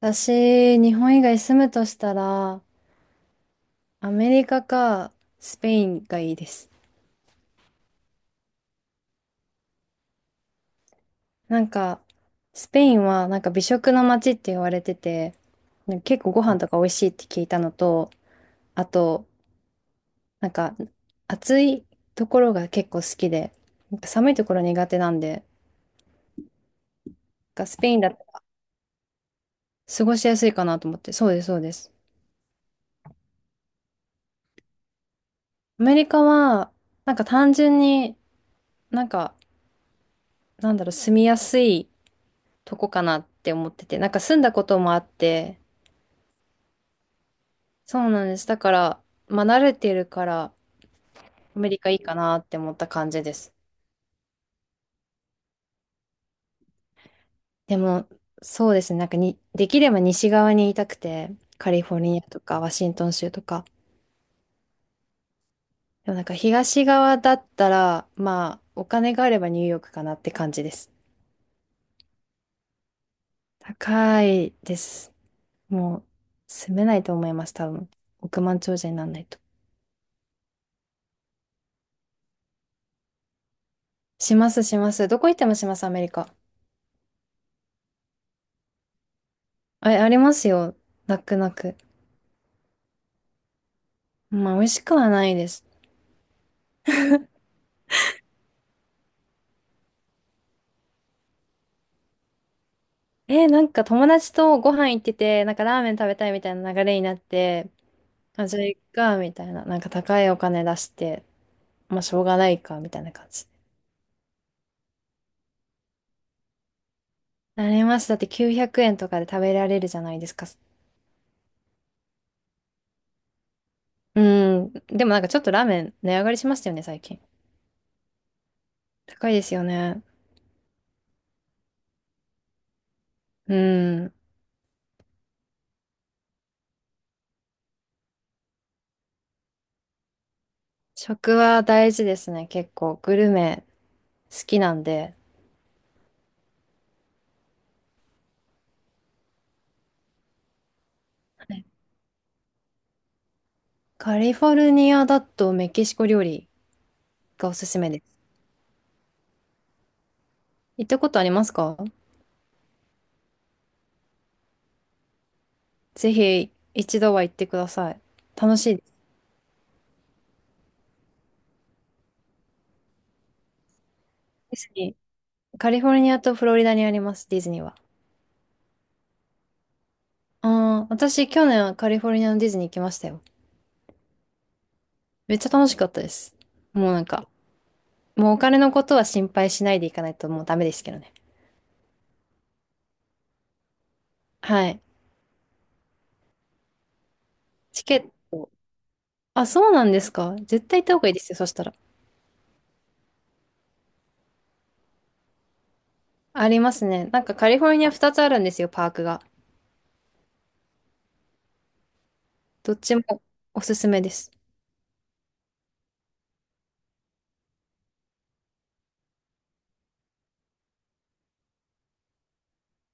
私、日本以外住むとしたら、アメリカかスペインがいいです。なんか、スペインは美食の街って言われてて、結構ご飯とか美味しいって聞いたのと、あと、なんか暑いところが結構好きで、寒いところ苦手なんで、なんかスペインだと過ごしやすいかなと思って、そうです、そうです。アメリカは、なんか単純になんか、なんだろう、住みやすいとこかなって思ってて、なんか住んだこともあって、そうなんです。だから、まあ慣れてるから、アメリカいいかなって思った感じです。でも、そうですね。なんかに、できれば西側にいたくて、カリフォルニアとかワシントン州とか。でもなんか東側だったら、まあ、お金があればニューヨークかなって感じです。高いです。もう、住めないと思います、多分。億万長者にならないと。します、します。どこ行ってもします、アメリカ。あ、ありますよ。泣く泣く。まあ、美味しくはないです。友達とご飯行ってて、なんかラーメン食べたいみたいな流れになって、まあ、じゃあ行くか、みたいな。なんか高いお金出して、まあ、しょうがないか、みたいな感じ。なります。だって900円とかで食べられるじゃないですか。うん。でもなんかちょっとラーメン値上がりしましたよね、最近。高いですよね。うん。食は大事ですね、結構。グルメ好きなんで。はい、カリフォルニアだとメキシコ料理がおすすめです。行ったことありますか？ぜひ一度は行ってください。楽しいです。ディズニー。カリフォルニアとフロリダにあります、ディズニーは。ああ、私去年はカリフォルニアのディズニー行きましたよ。めっちゃ楽しかったです。もうなんか、もうお金のことは心配しないでいかないともうダメですけどね。はい。チケット。あ、そうなんですか？絶対行った方がいいですよ、そしたら。ありますね。なんかカリフォルニア2つあるんですよ、パークが。どっちもおすすめです。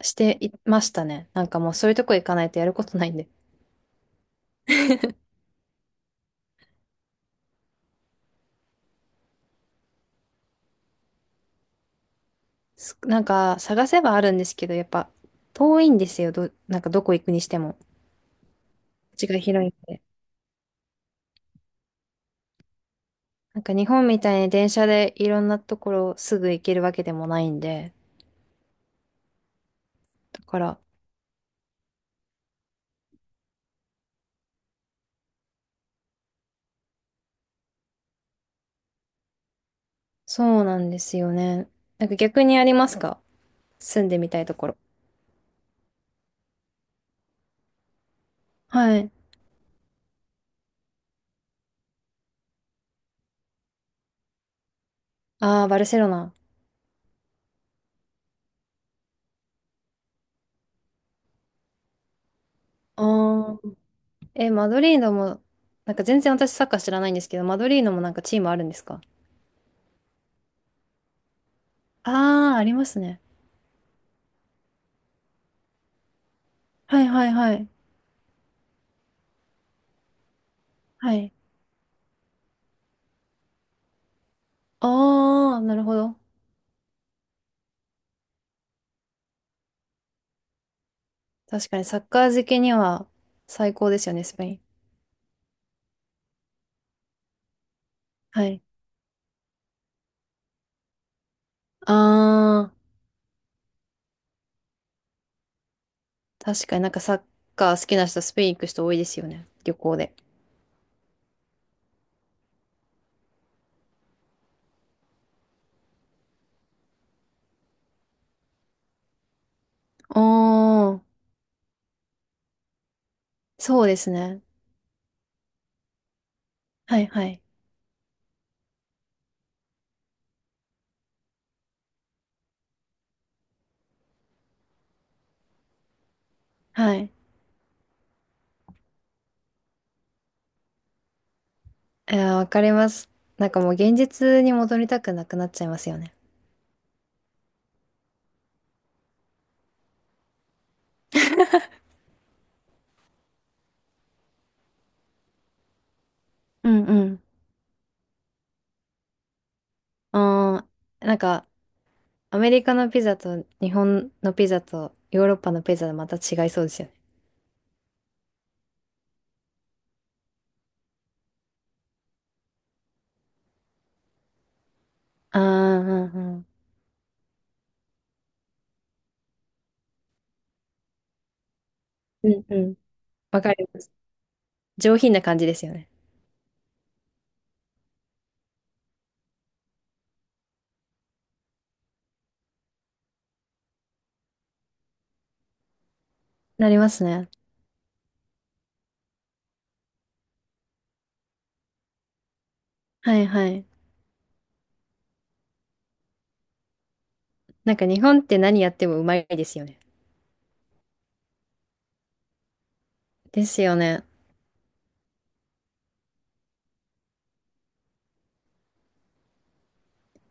していましたね。なんかもうそういうとこ行かないとやることないんで。なんか探せばあるんですけど、やっぱ遠いんですよ。なんかどこ行くにしても。土地が広いんで。なんか日本みたいに電車でいろんなところすぐ行けるわけでもないんで。だから、そうなんですよね。なんか逆にありますか？住んでみたいところ。はい。ああ、バルセロナ。ああ。え、マドリードも、なんか全然私サッカー知らないんですけど、マドリードもなんかチームあるんですか？ああー、ありますね。はいはいはい。はい。ああ、なるほど。確かにサッカー好きには最高ですよね、スペイン。はい。あー、確かになんかサッカー好きな人、スペイン行く人多いですよね、旅行で。おー、そうですね。はいはい。はい。いやー、わかります。なんかもう現実に戻りたくなくなっちゃいますよね。うんうん。あー、なんかアメリカのピザと日本のピザとヨーロッパのピザでまた違いそうですよね。あー、うんうん。うんうん。わかります。上品な感じですよね。なりますね。はいはい。なんか日本って何やってもうまいですよね。ですよね。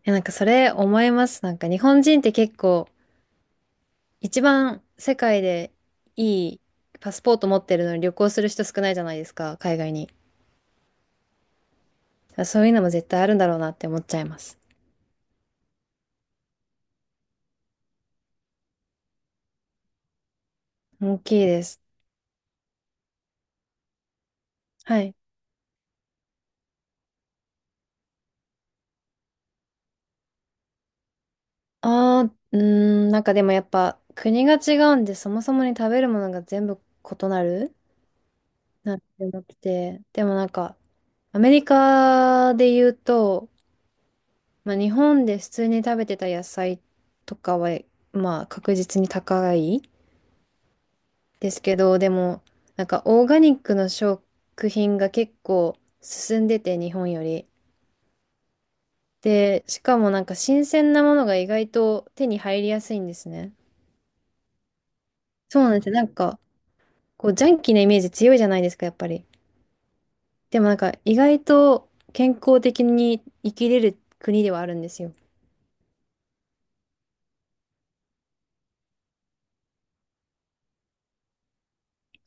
え、なんかそれ思います。なんか日本人って結構一番世界でいいパスポート持ってるのに旅行する人少ないじゃないですか、海外に。そういうのも絶対あるんだろうなって思っちゃいます。大きいです。はい。ああうーなんかでもやっぱ国が違うんでそもそもに食べるものが全部異なるなって思ってて。でもなんかアメリカで言うと、まあ、日本で普通に食べてた野菜とかは、まあ、確実に高いですけど、でも、なんか、オーガニックの食品が結構進んでて、日本より。で、しかもなんか、新鮮なものが意外と手に入りやすいんですね。そうなんですよ。なんか、こう、ジャンキーなイメージ強いじゃないですか、やっぱり。でもなんか、意外と健康的に生きれる国ではあるんですよ。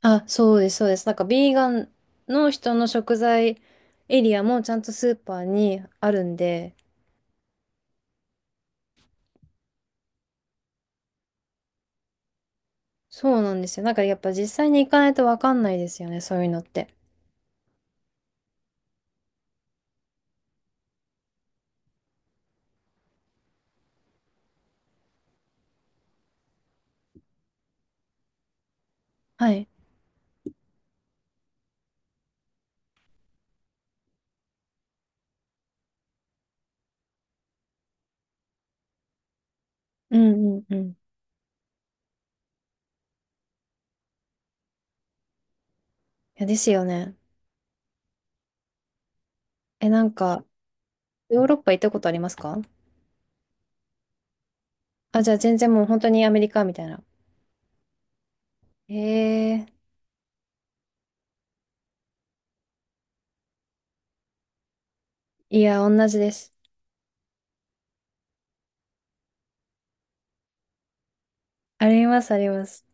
あ、そうです、そうです。なんか、ビーガンの人の食材エリアもちゃんとスーパーにあるんで、そうなんですよ。なんか、やっぱ実際に行かないとわかんないですよね、そういうのって。はい。うんうんうん。いや、ですよね。え、なんか、ヨーロッパ行ったことありますか？あ、じゃあ全然もう本当にアメリカみたいな。ええ、いや、同じです。あります、あります。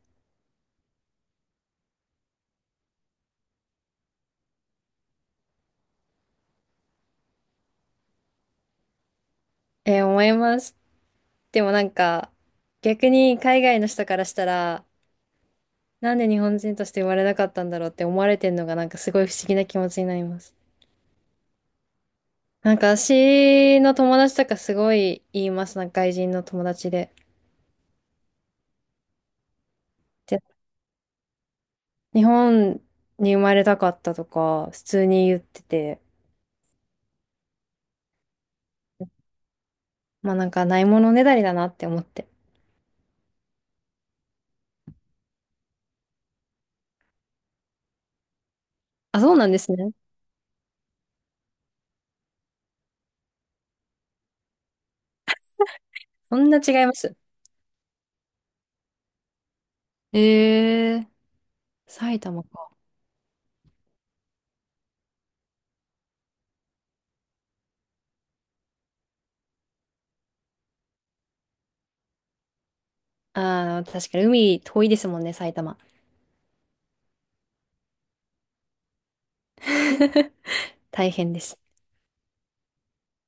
えー思います。でもなんか、逆に海外の人からしたら、なんで日本人として生まれなかったんだろうって思われてんのがなんかすごい不思議な気持ちになります。なんか私の友達とかすごい言います。なんか外人の友達で。で、日本に生まれたかったとか普通に言ってて、まあなんかないものねだりだなって思って。あ、そうなんですね。そんな違います。えー、埼玉か。ああ、確かに海遠いですもんね、埼玉。大変です。